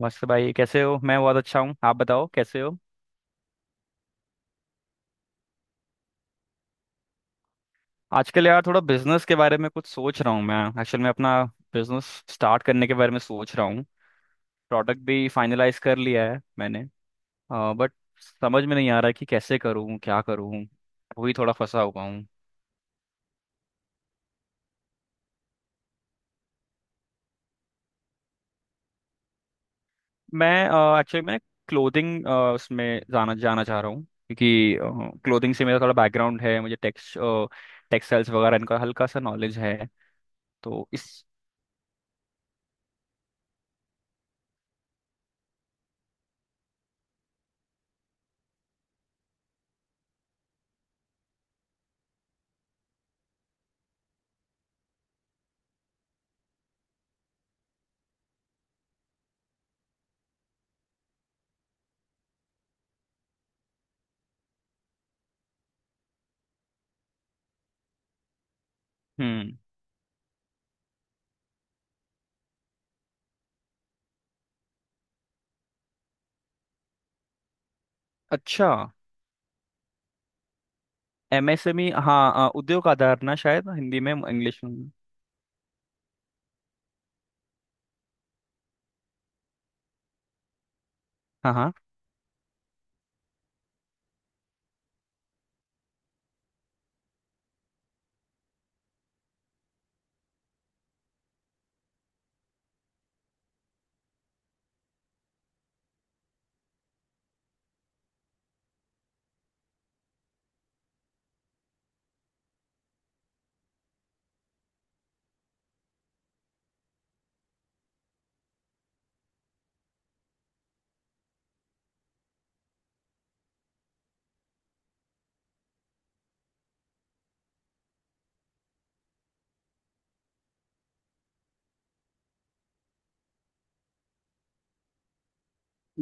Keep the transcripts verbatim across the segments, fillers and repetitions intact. मस्त भाई, कैसे हो? मैं बहुत अच्छा हूँ। आप बताओ, कैसे हो? आजकल यार थोड़ा बिजनेस के बारे में कुछ सोच रहा हूँ। मैं एक्चुअल में अपना बिजनेस स्टार्ट करने के बारे में सोच रहा हूँ। प्रोडक्ट भी फाइनलाइज कर लिया है मैंने। बट समझ में नहीं आ रहा कि कैसे करूँ, क्या करूँ। वही थोड़ा फंसा हुआ हूँ। मैं एक्चुअली मैं क्लोथिंग, उसमें जाना जाना चाह रहा हूँ क्योंकि क्लोथिंग से मेरा थोड़ा बैकग्राउंड है। मुझे टेक्स टेक्सटाइल्स वगैरह इनका हल्का सा नॉलेज है। तो इस हम्म। अच्छा। एमएसएमई, हाँ। हाँ, उद्योग आधार ना, शायद हिंदी में इंग्लिश में। हाँ, हाँ।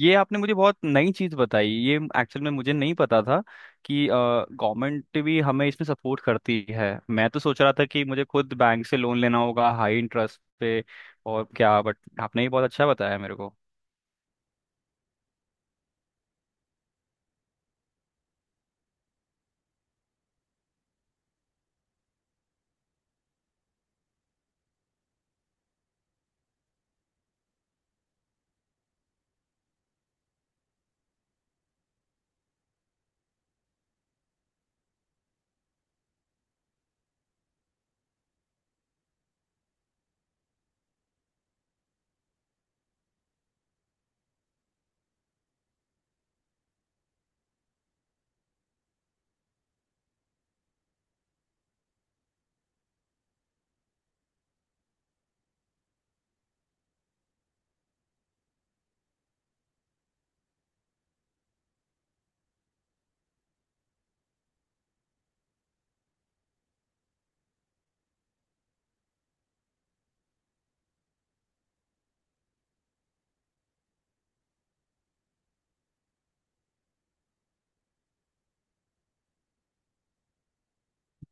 ये आपने मुझे बहुत नई चीज़ बताई ये। एक्चुअल में मुझे नहीं पता था कि गवर्नमेंट भी हमें इसमें सपोर्ट करती है। मैं तो सोच रहा था कि मुझे खुद बैंक से लोन लेना होगा हाई इंटरेस्ट पे। और क्या, बट आपने ये बहुत अच्छा बताया मेरे को।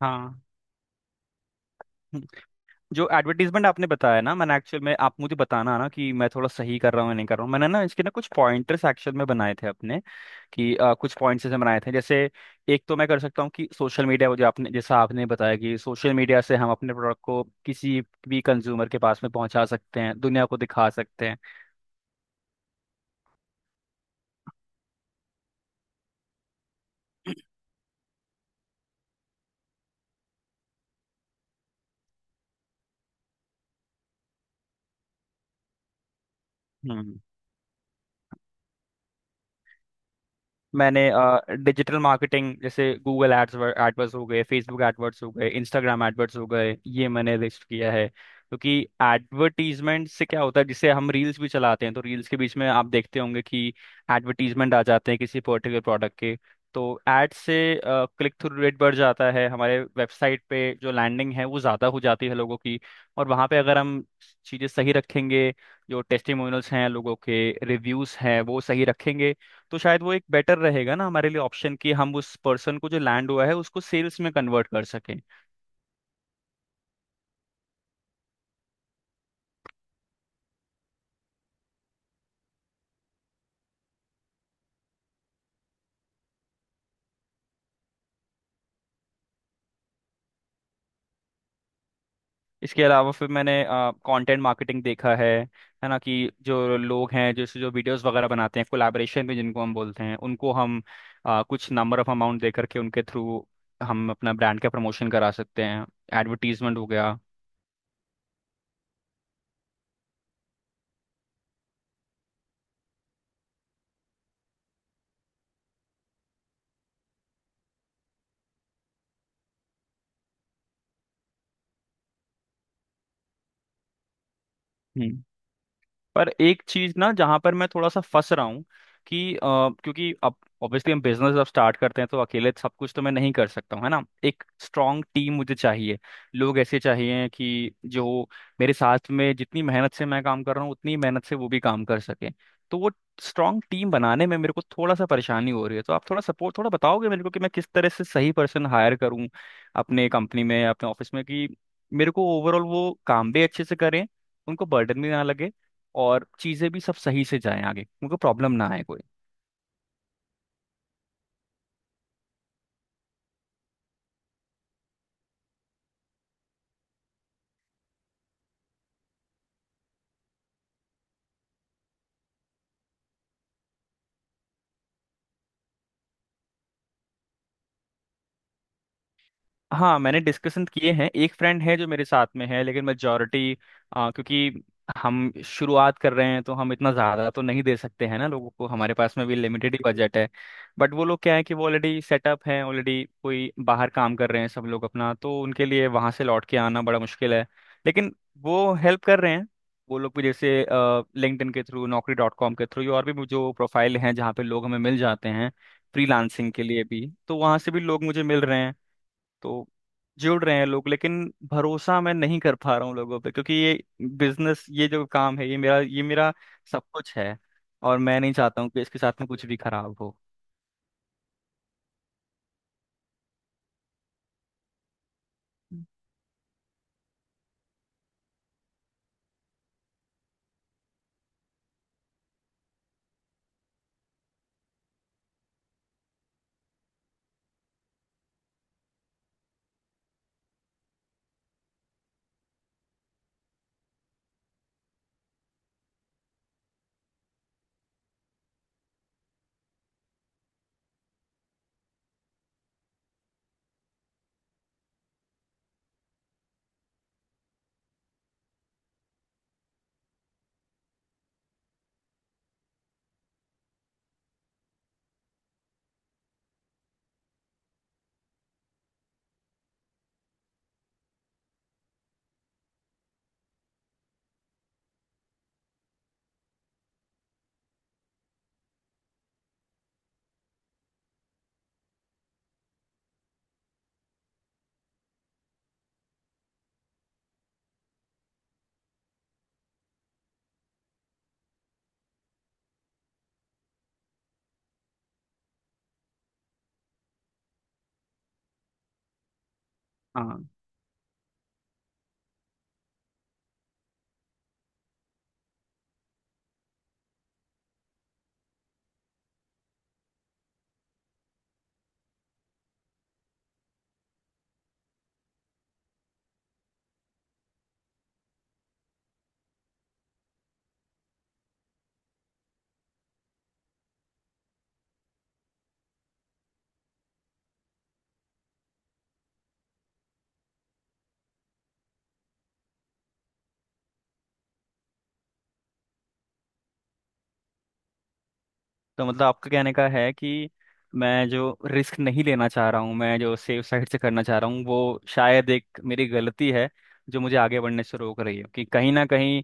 हाँ। जो एडवर्टीजमेंट आपने बताया ना, मैंने एक्चुअल में आप मुझे बताना ना कि मैं थोड़ा सही कर रहा हूँ या नहीं कर रहा हूँ। मैंने ना इसके ना कुछ पॉइंटर्स एक्चुअल में बनाए थे अपने कि अ, कुछ पॉइंट्स जैसे बनाए थे। जैसे एक तो मैं कर सकता हूँ कि सोशल मीडिया, वो जो आपने जैसा आपने बताया कि सोशल मीडिया से हम अपने प्रोडक्ट को किसी भी कंज्यूमर के पास में पहुंचा सकते हैं, दुनिया को दिखा सकते हैं। हम्म। मैंने डिजिटल मार्केटिंग जैसे गूगल एड्स एडवर्ड्स हो गए, फेसबुक एडवर्ड्स हो गए, इंस्टाग्राम एडवर्ड्स हो गए, ये मैंने लिस्ट किया है क्योंकि एडवर्टीजमेंट से क्या होता है जिसे हम रील्स भी चलाते हैं तो रील्स के बीच में आप देखते होंगे कि एडवर्टीजमेंट आ जाते हैं किसी पर्टिकुलर प्रोडक्ट के। तो एड से क्लिक थ्रू रेट बढ़ जाता है, हमारे वेबसाइट पे जो लैंडिंग है वो ज़्यादा हो जाती है लोगों की। और वहाँ पे अगर हम चीज़ें सही रखेंगे, जो टेस्टिमोनियल्स हैं लोगों के रिव्यूज़ हैं वो सही रखेंगे, तो शायद वो एक बेटर रहेगा ना हमारे लिए ऑप्शन कि हम उस पर्सन को जो लैंड हुआ है उसको सेल्स में कन्वर्ट कर सकें। इसके अलावा फिर मैंने कंटेंट मार्केटिंग देखा है। है ना कि जो लोग हैं जैसे जो वीडियोस वगैरह बनाते हैं कोलैबोरेशन में जिनको हम बोलते हैं, उनको हम अ, कुछ नंबर ऑफ अमाउंट दे करके उनके थ्रू हम अपना ब्रांड का प्रमोशन करा सकते हैं। एडवर्टीजमेंट हो गया। हम्म। पर एक चीज ना जहां पर मैं थोड़ा सा फंस रहा हूँ कि अ, क्योंकि अब ऑब्वियसली हम बिजनेस जब स्टार्ट करते हैं तो अकेले सब कुछ तो मैं नहीं कर सकता हूँ, है ना? एक स्ट्रांग टीम मुझे चाहिए, लोग ऐसे चाहिए कि जो मेरे साथ में जितनी मेहनत से मैं काम कर रहा हूँ उतनी मेहनत से वो भी काम कर सके। तो वो स्ट्रांग टीम बनाने में मेरे को थोड़ा सा परेशानी हो रही है। तो आप थोड़ा सपोर्ट, थोड़ा बताओगे मेरे को कि मैं किस तरह से सही पर्सन हायर करूँ अपने कंपनी में, अपने ऑफिस में कि मेरे को ओवरऑल वो काम भी अच्छे से करें, उनको बर्डन भी ना लगे, और चीज़ें भी सब सही से जाएं, आगे उनको प्रॉब्लम ना आए कोई। हाँ, मैंने डिस्कशन किए हैं। एक फ्रेंड है जो मेरे साथ में है, लेकिन मेजोरिटी क्योंकि हम शुरुआत कर रहे हैं तो हम इतना ज़्यादा तो नहीं दे सकते हैं ना लोगों को, हमारे पास में भी लिमिटेड ही बजट है। बट वो लोग क्या है कि वो ऑलरेडी सेटअप है, ऑलरेडी कोई बाहर काम कर रहे हैं सब लोग अपना, तो उनके लिए वहाँ से लौट के आना बड़ा मुश्किल है। लेकिन वो हेल्प कर रहे हैं। वो लोग भी जैसे लिंक्डइन के थ्रू, नौकरी डॉट कॉम के थ्रू, और भी जो प्रोफाइल हैं जहाँ पे लोग हमें मिल जाते हैं फ्रीलांसिंग के लिए भी, तो वहाँ से भी लोग मुझे मिल रहे हैं। तो जुड़ रहे हैं लोग, लेकिन भरोसा मैं नहीं कर पा रहा हूँ लोगों पे क्योंकि ये बिजनेस, ये जो काम है, ये मेरा ये मेरा सब कुछ है, और मैं नहीं चाहता हूँ कि इसके साथ में कुछ भी खराब हो। हाँ, तो मतलब आपका कहने का है कि मैं जो रिस्क नहीं लेना चाह रहा हूँ, मैं जो सेफ साइड से करना चाह रहा हूँ, वो शायद एक मेरी गलती है जो मुझे आगे बढ़ने से रोक रही है कि कहीं ना कहीं।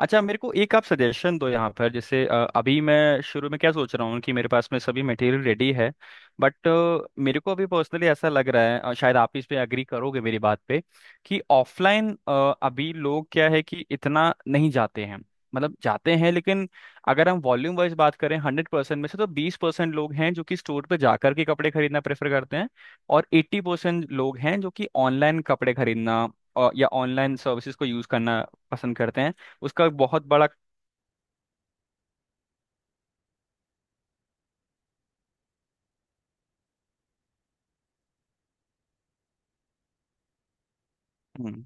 अच्छा, मेरे को एक आप सजेशन दो यहाँ पर। जैसे अ, अभी मैं शुरू में क्या सोच रहा हूँ कि मेरे पास में सभी मटेरियल रेडी है, बट मेरे को अभी पर्सनली ऐसा लग रहा है, अ, शायद आप इस पे एग्री करोगे मेरी बात पे कि ऑफलाइन अभी लोग क्या है कि इतना नहीं जाते हैं। मतलब जाते हैं लेकिन अगर हम वॉल्यूम वाइज बात करें, हंड्रेड परसेंट में से तो बीस परसेंट लोग हैं जो कि स्टोर पे जाकर के कपड़े खरीदना प्रेफर करते हैं, और एट्टी परसेंट लोग हैं जो कि ऑनलाइन कपड़े खरीदना, अ, या ऑनलाइन सर्विसेज को यूज करना पसंद करते हैं। उसका एक बहुत बड़ा। हम्म,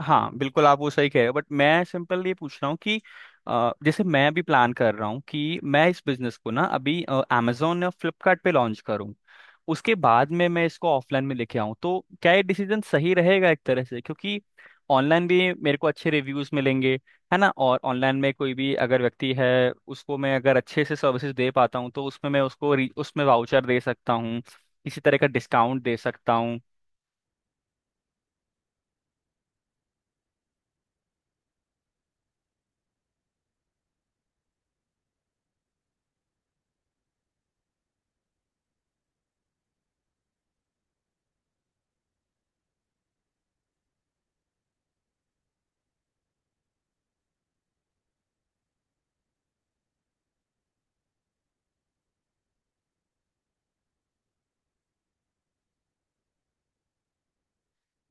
हाँ, बिल्कुल आप वो सही कह रहे हो, बट मैं सिंपल ये पूछ रहा हूँ कि अ, जैसे मैं भी प्लान कर रहा हूँ कि मैं इस बिजनेस को ना अभी अमेजोन या फ्लिपकार्ट पे लॉन्च करूँ, उसके बाद में मैं इसको ऑफलाइन में लेके आऊँ, तो क्या ये डिसीजन सही रहेगा एक तरह से? क्योंकि ऑनलाइन भी मेरे को अच्छे रिव्यूज मिलेंगे, है ना? और ऑनलाइन में कोई भी अगर व्यक्ति है उसको मैं अगर अच्छे से सर्विसेज दे पाता हूँ तो उसमें मैं उसको री- उसमें वाउचर दे सकता हूँ, किसी तरह का डिस्काउंट दे सकता हूँ।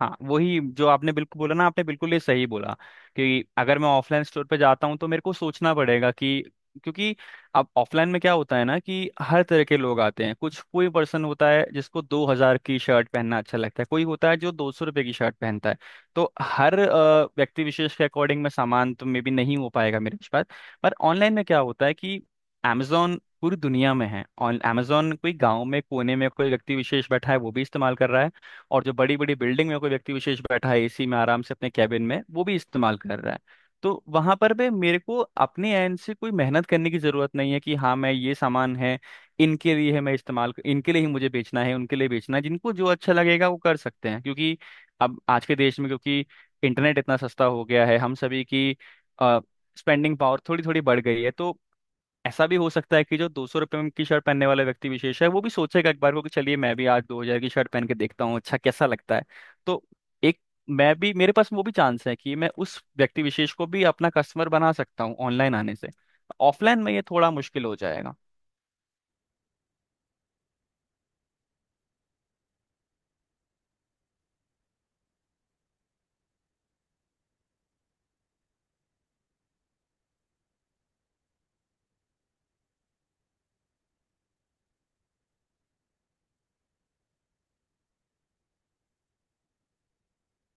हाँ, वही जो आपने बिल्कुल बोला ना, आपने बिल्कुल ये सही बोला कि अगर मैं ऑफलाइन स्टोर पे जाता हूँ तो मेरे को सोचना पड़ेगा कि क्योंकि अब ऑफलाइन में क्या होता है ना कि हर तरह के लोग आते हैं। कुछ कोई पर्सन होता है जिसको दो हजार की शर्ट पहनना अच्छा लगता है, कोई होता है जो दो सौ रुपये की शर्ट पहनता है। तो हर अ, व्यक्ति विशेष के अकॉर्डिंग में सामान तो मे बी नहीं हो पाएगा मेरे पास। पर ऑनलाइन में क्या होता है कि Amazon पूरी दुनिया में है, और Amazon कोई गांव में कोने में कोई व्यक्ति विशेष बैठा है वो भी इस्तेमाल कर रहा है, और जो बड़ी बड़ी बिल्डिंग में कोई व्यक्ति विशेष बैठा है एसी में आराम से अपने कैबिन में वो भी इस्तेमाल कर रहा है। तो वहां पर भी मेरे को अपने एंड से कोई मेहनत करने की जरूरत नहीं है कि हाँ मैं ये सामान है इनके लिए है, मैं इस्तेमाल इनके लिए ही मुझे बेचना है, उनके लिए बेचना है, जिनको जो अच्छा लगेगा वो कर सकते हैं। क्योंकि अब आज के देश में क्योंकि इंटरनेट इतना सस्ता हो गया है, हम सभी की स्पेंडिंग पावर थोड़ी थोड़ी बढ़ गई है, तो ऐसा भी हो सकता है कि जो दो सौ रुपये की शर्ट पहनने वाला व्यक्ति विशेष है वो भी सोचेगा एक बार को कि चलिए मैं भी आज दो हजार की शर्ट पहन के देखता हूँ, अच्छा कैसा लगता है। तो एक मैं भी, मेरे पास वो भी चांस है कि मैं उस व्यक्ति विशेष को भी अपना कस्टमर बना सकता हूँ ऑनलाइन आने से। ऑफलाइन में ये थोड़ा मुश्किल हो जाएगा।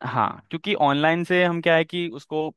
हाँ, क्योंकि ऑनलाइन से हम क्या है कि उसको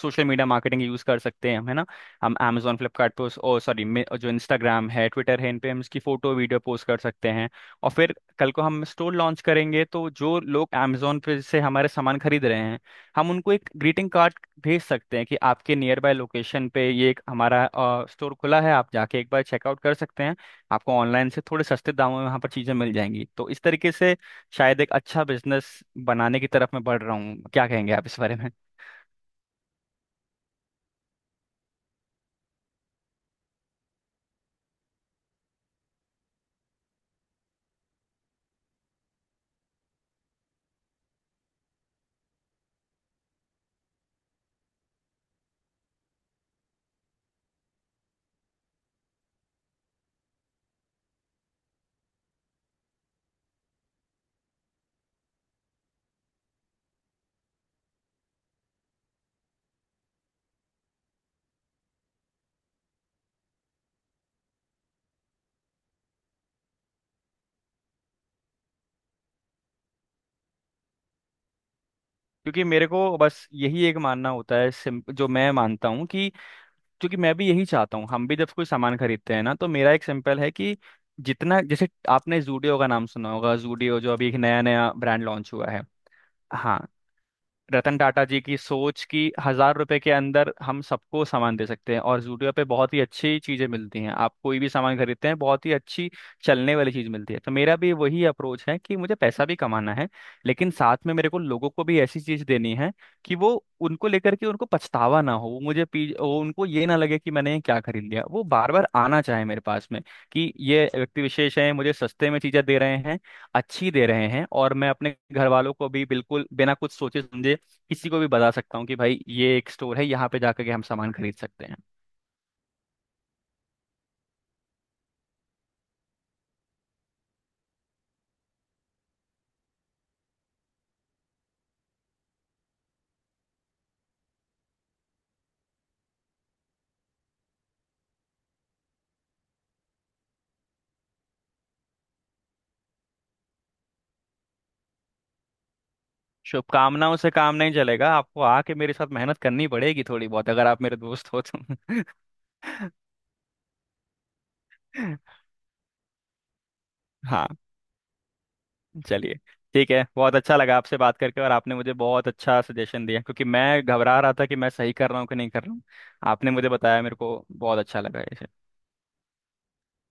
सोशल मीडिया मार्केटिंग यूज़ कर सकते हैं हम, है ना? हम Amazon फ्लिपकार्ट पे, और सॉरी, जो इंस्टाग्राम है ट्विटर है, इन पे हम इसकी फ़ोटो वीडियो पोस्ट कर सकते हैं। और फिर कल को हम स्टोर लॉन्च करेंगे तो जो लोग Amazon पे से हमारे सामान खरीद रहे हैं, हम उनको एक ग्रीटिंग कार्ड भेज सकते हैं कि आपके नियर बाय लोकेशन पे ये एक हमारा स्टोर खुला है, आप जाके एक बार चेकआउट कर सकते हैं। आपको ऑनलाइन से थोड़े सस्ते दामों में वहाँ पर चीज़ें मिल जाएंगी। तो इस तरीके से शायद एक अच्छा बिजनेस बनाने की तरफ मैं बढ़ रहा हूँ। क्या कहेंगे आप इस बारे में? क्योंकि मेरे को बस यही एक मानना होता है, सिम- जो मैं मानता हूँ कि क्योंकि मैं भी यही चाहता हूँ, हम भी जब कोई सामान खरीदते हैं ना तो मेरा एक सिंपल है कि जितना जैसे आपने जूडियो का नाम सुना होगा, जूडियो जो अभी एक नया नया ब्रांड लॉन्च हुआ है। हाँ, रतन टाटा जी की सोच की हजार रुपए के अंदर हम सबको सामान दे सकते हैं, और जूडियो पे बहुत ही अच्छी चीजें मिलती हैं। आप कोई भी सामान खरीदते हैं बहुत ही अच्छी चलने वाली चीज मिलती है। तो मेरा भी वही अप्रोच है कि मुझे पैसा भी कमाना है, लेकिन साथ में मेरे को लोगों को भी ऐसी चीज देनी है कि वो उनको लेकर के उनको पछतावा ना हो। वो मुझे पी वो उनको ये ना लगे कि मैंने ये क्या खरीद लिया, वो बार बार आना चाहे मेरे पास में कि ये व्यक्ति विशेष है मुझे सस्ते में चीजें दे रहे हैं, अच्छी दे रहे हैं, और मैं अपने घर वालों को भी बिल्कुल बिना कुछ सोचे समझे किसी को भी बता सकता हूँ कि भाई ये एक स्टोर है यहाँ पे जाकर के हम सामान खरीद सकते हैं। शुभकामनाओं से काम नहीं चलेगा, आपको आके मेरे साथ मेहनत करनी पड़ेगी थोड़ी बहुत अगर आप मेरे दोस्त हो तो। हाँ, चलिए ठीक है, बहुत अच्छा लगा आपसे बात करके। और आपने मुझे बहुत अच्छा सजेशन दिया क्योंकि मैं घबरा रहा था कि मैं सही कर रहा हूँ कि नहीं कर रहा हूँ। आपने मुझे बताया, मेरे को बहुत अच्छा लगा इसे।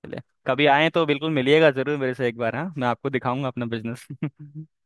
चलिए, कभी आए तो बिल्कुल मिलिएगा जरूर मेरे से एक बार। हाँ, मैं आपको दिखाऊंगा अपना बिजनेस।